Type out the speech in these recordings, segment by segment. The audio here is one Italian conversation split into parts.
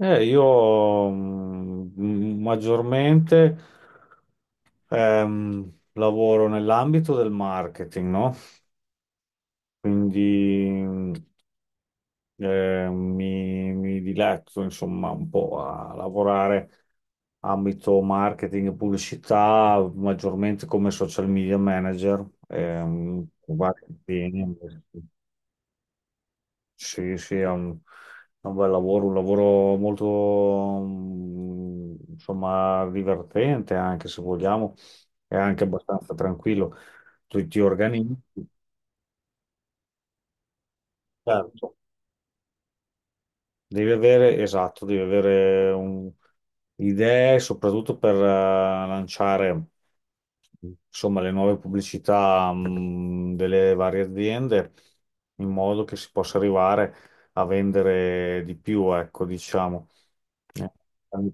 Io maggiormente lavoro nell'ambito del marketing, no? Quindi mi diletto insomma un po' a lavorare ambito marketing e pubblicità, maggiormente come social media manager, con vari impegni. Sì, sì, è un bel lavoro, un lavoro molto, insomma, divertente anche se vogliamo, è anche abbastanza tranquillo. Tu ti organizzi, certo. Devi avere, esatto, idee soprattutto per lanciare insomma, le nuove pubblicità delle varie aziende in modo che si possa arrivare a vendere di più, ecco, diciamo. Eh,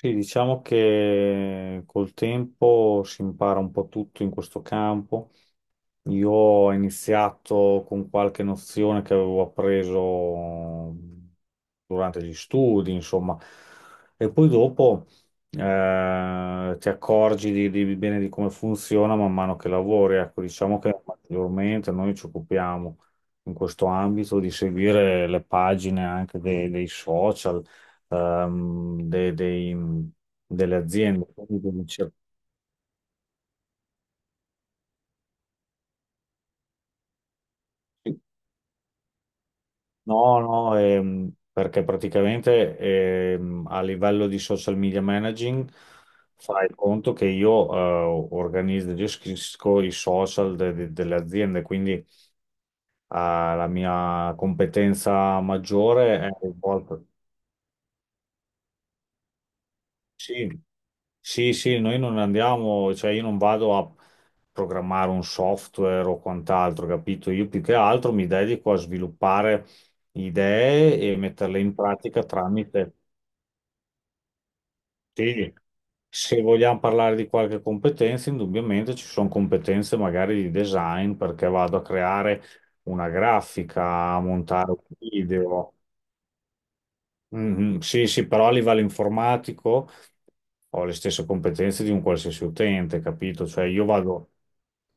Sì, diciamo che col tempo si impara un po' tutto in questo campo. Io ho iniziato con qualche nozione che avevo appreso durante gli studi, insomma, e poi dopo ti accorgi bene di come funziona man mano che lavori. Ecco, diciamo che maggiormente noi ci occupiamo in questo ambito di seguire le pagine anche dei social, ehm, de- dei- delle aziende. Quindi devi cercare. No, no, perché praticamente a livello di social media managing fai conto che io organizzo, io gestisco i social delle aziende, quindi la mia competenza maggiore è rivolta. Sì, sì, sì, noi non andiamo, cioè io non vado a programmare un software o quant'altro, capito? Io più che altro mi dedico a sviluppare idee e metterle in pratica tramite. Sì, se vogliamo parlare di qualche competenza, indubbiamente ci sono competenze magari di design perché vado a creare una grafica, a montare un video. Mhm. Sì, sì, però a livello informatico ho le stesse competenze di un qualsiasi utente, capito? Cioè io vado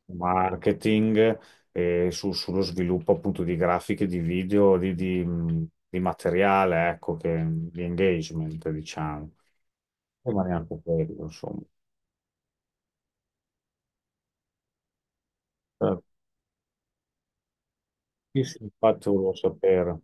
in marketing e sullo sviluppo appunto di grafiche, di video, di materiale, ecco, che, di engagement, diciamo. E ma neanche quello, insomma. Sì, sì, infatti volevo sapere,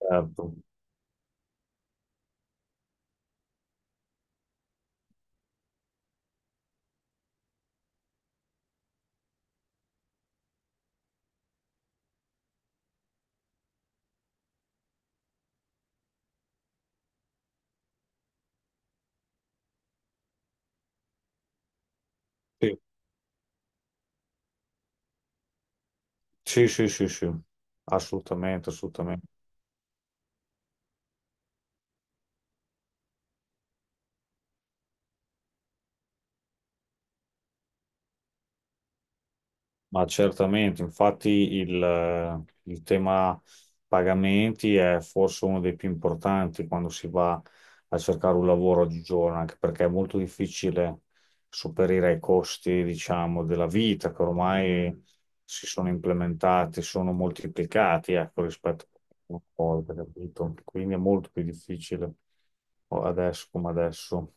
certo. Sì, sì, sì, sì, sì. Assolutamente, assolutamente. Ma certamente, infatti il tema pagamenti è forse uno dei più importanti quando si va a cercare un lavoro oggigiorno, anche perché è molto difficile superare i costi, diciamo, della vita che ormai si sono implementati, sono moltiplicati, ecco, rispetto a una volta, capito? Quindi è molto più difficile adesso come adesso.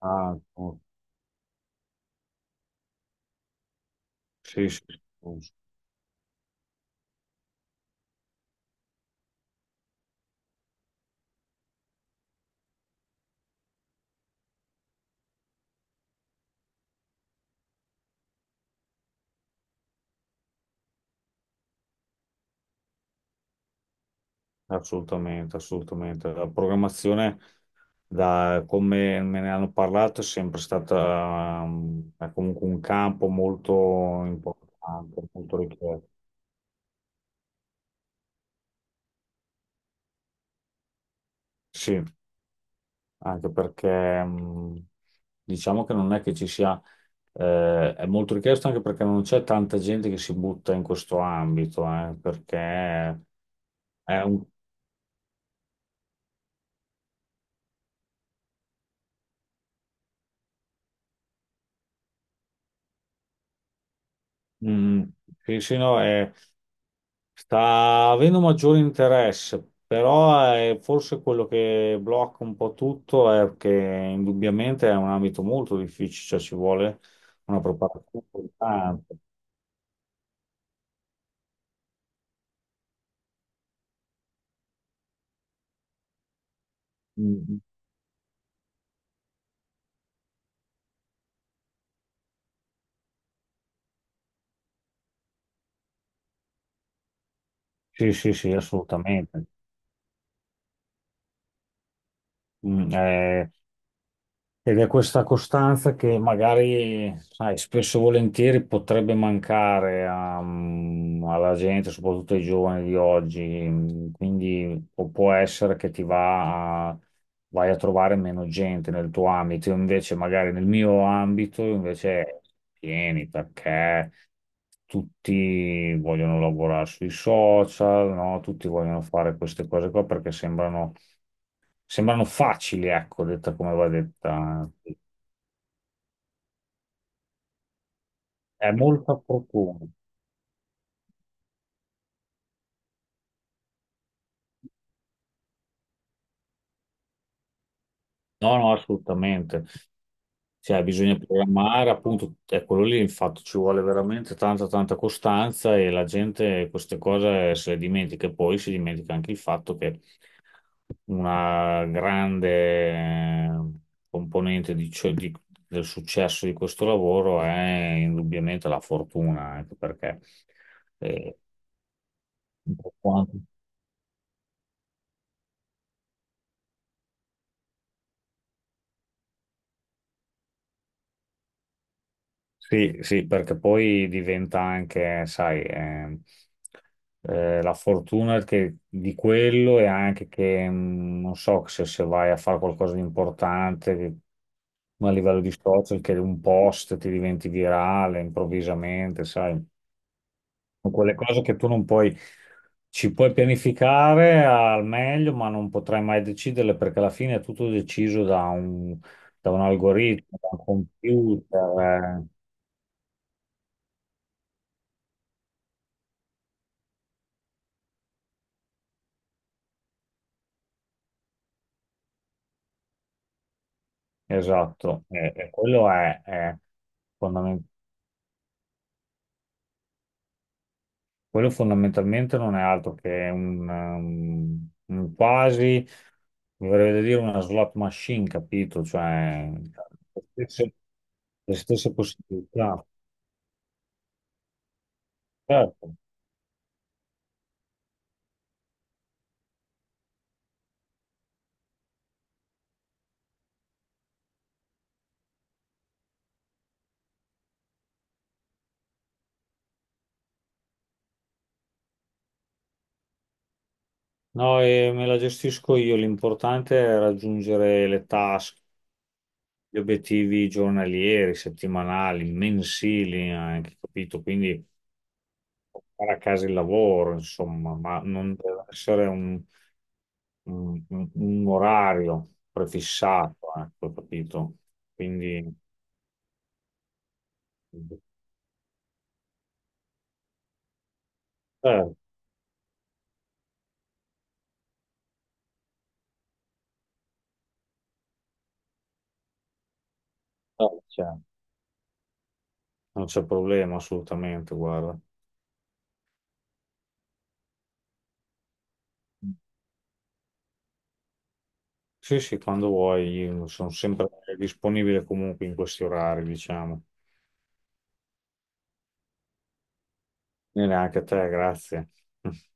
Ah, oh, sì, sì, sì. Assolutamente, assolutamente. La programmazione, da come me ne hanno parlato, è sempre stata è comunque un campo molto importante, molto richiesto. Sì, anche perché diciamo che non è che ci sia, è molto richiesto anche perché non c'è tanta gente che si butta in questo ambito, perché è un, mm, sì, sì, no, è. Sta avendo maggiore interesse, però è forse quello che blocca un po' tutto è che indubbiamente è un ambito molto difficile, cioè ci vuole una preparazione importante. Mm, mm. Sì, sì, sì, assolutamente. Mm, eh, Ed è questa costanza che magari, sai, spesso e volentieri potrebbe mancare alla gente, soprattutto ai giovani di oggi. Quindi o può essere che vai a trovare meno gente nel tuo ambito. Io invece, magari nel mio ambito, invece è pieni perché tutti vogliono lavorare sui social, no? Tutti vogliono fare queste cose qua perché sembrano, sembrano facili, ecco, detta come va detta. È molto opportuno. No, no, assolutamente. Cioè, bisogna programmare, appunto, è quello lì, infatti, ci vuole veramente tanta, tanta costanza e la gente queste cose se le dimentica. E poi si dimentica anche il fatto che una grande eh, componente del successo di questo lavoro è indubbiamente la fortuna, anche perché eh, per quanto sì, sì, perché poi diventa anche, sai, la fortuna di quello e anche che, non so, se vai a fare qualcosa di importante, ma a livello di social, che un post ti diventi virale improvvisamente, sai. Sono quelle cose che tu non puoi, ci puoi pianificare al meglio, ma non potrai mai deciderle perché alla fine è tutto deciso da un algoritmo, da un computer. Eh. Esatto, e quello è, fondamen- quello fondamentalmente non è altro che un, un quasi, mi verrebbe da dire, una slot machine, capito? Cioè, le stesse, le stesse possibilità. Certo. No, e me la gestisco io, l'importante è raggiungere le task, gli obiettivi giornalieri, settimanali, mensili anche, capito? Quindi portare a casa il lavoro, insomma, ma non deve essere un orario prefissato, ecco, capito? Quindi, certo, certo, certo. Non c'è problema assolutamente, guarda. Sì, sì, quando vuoi, io sono sempre disponibile comunque in questi orari, diciamo. E neanche a te, grazie.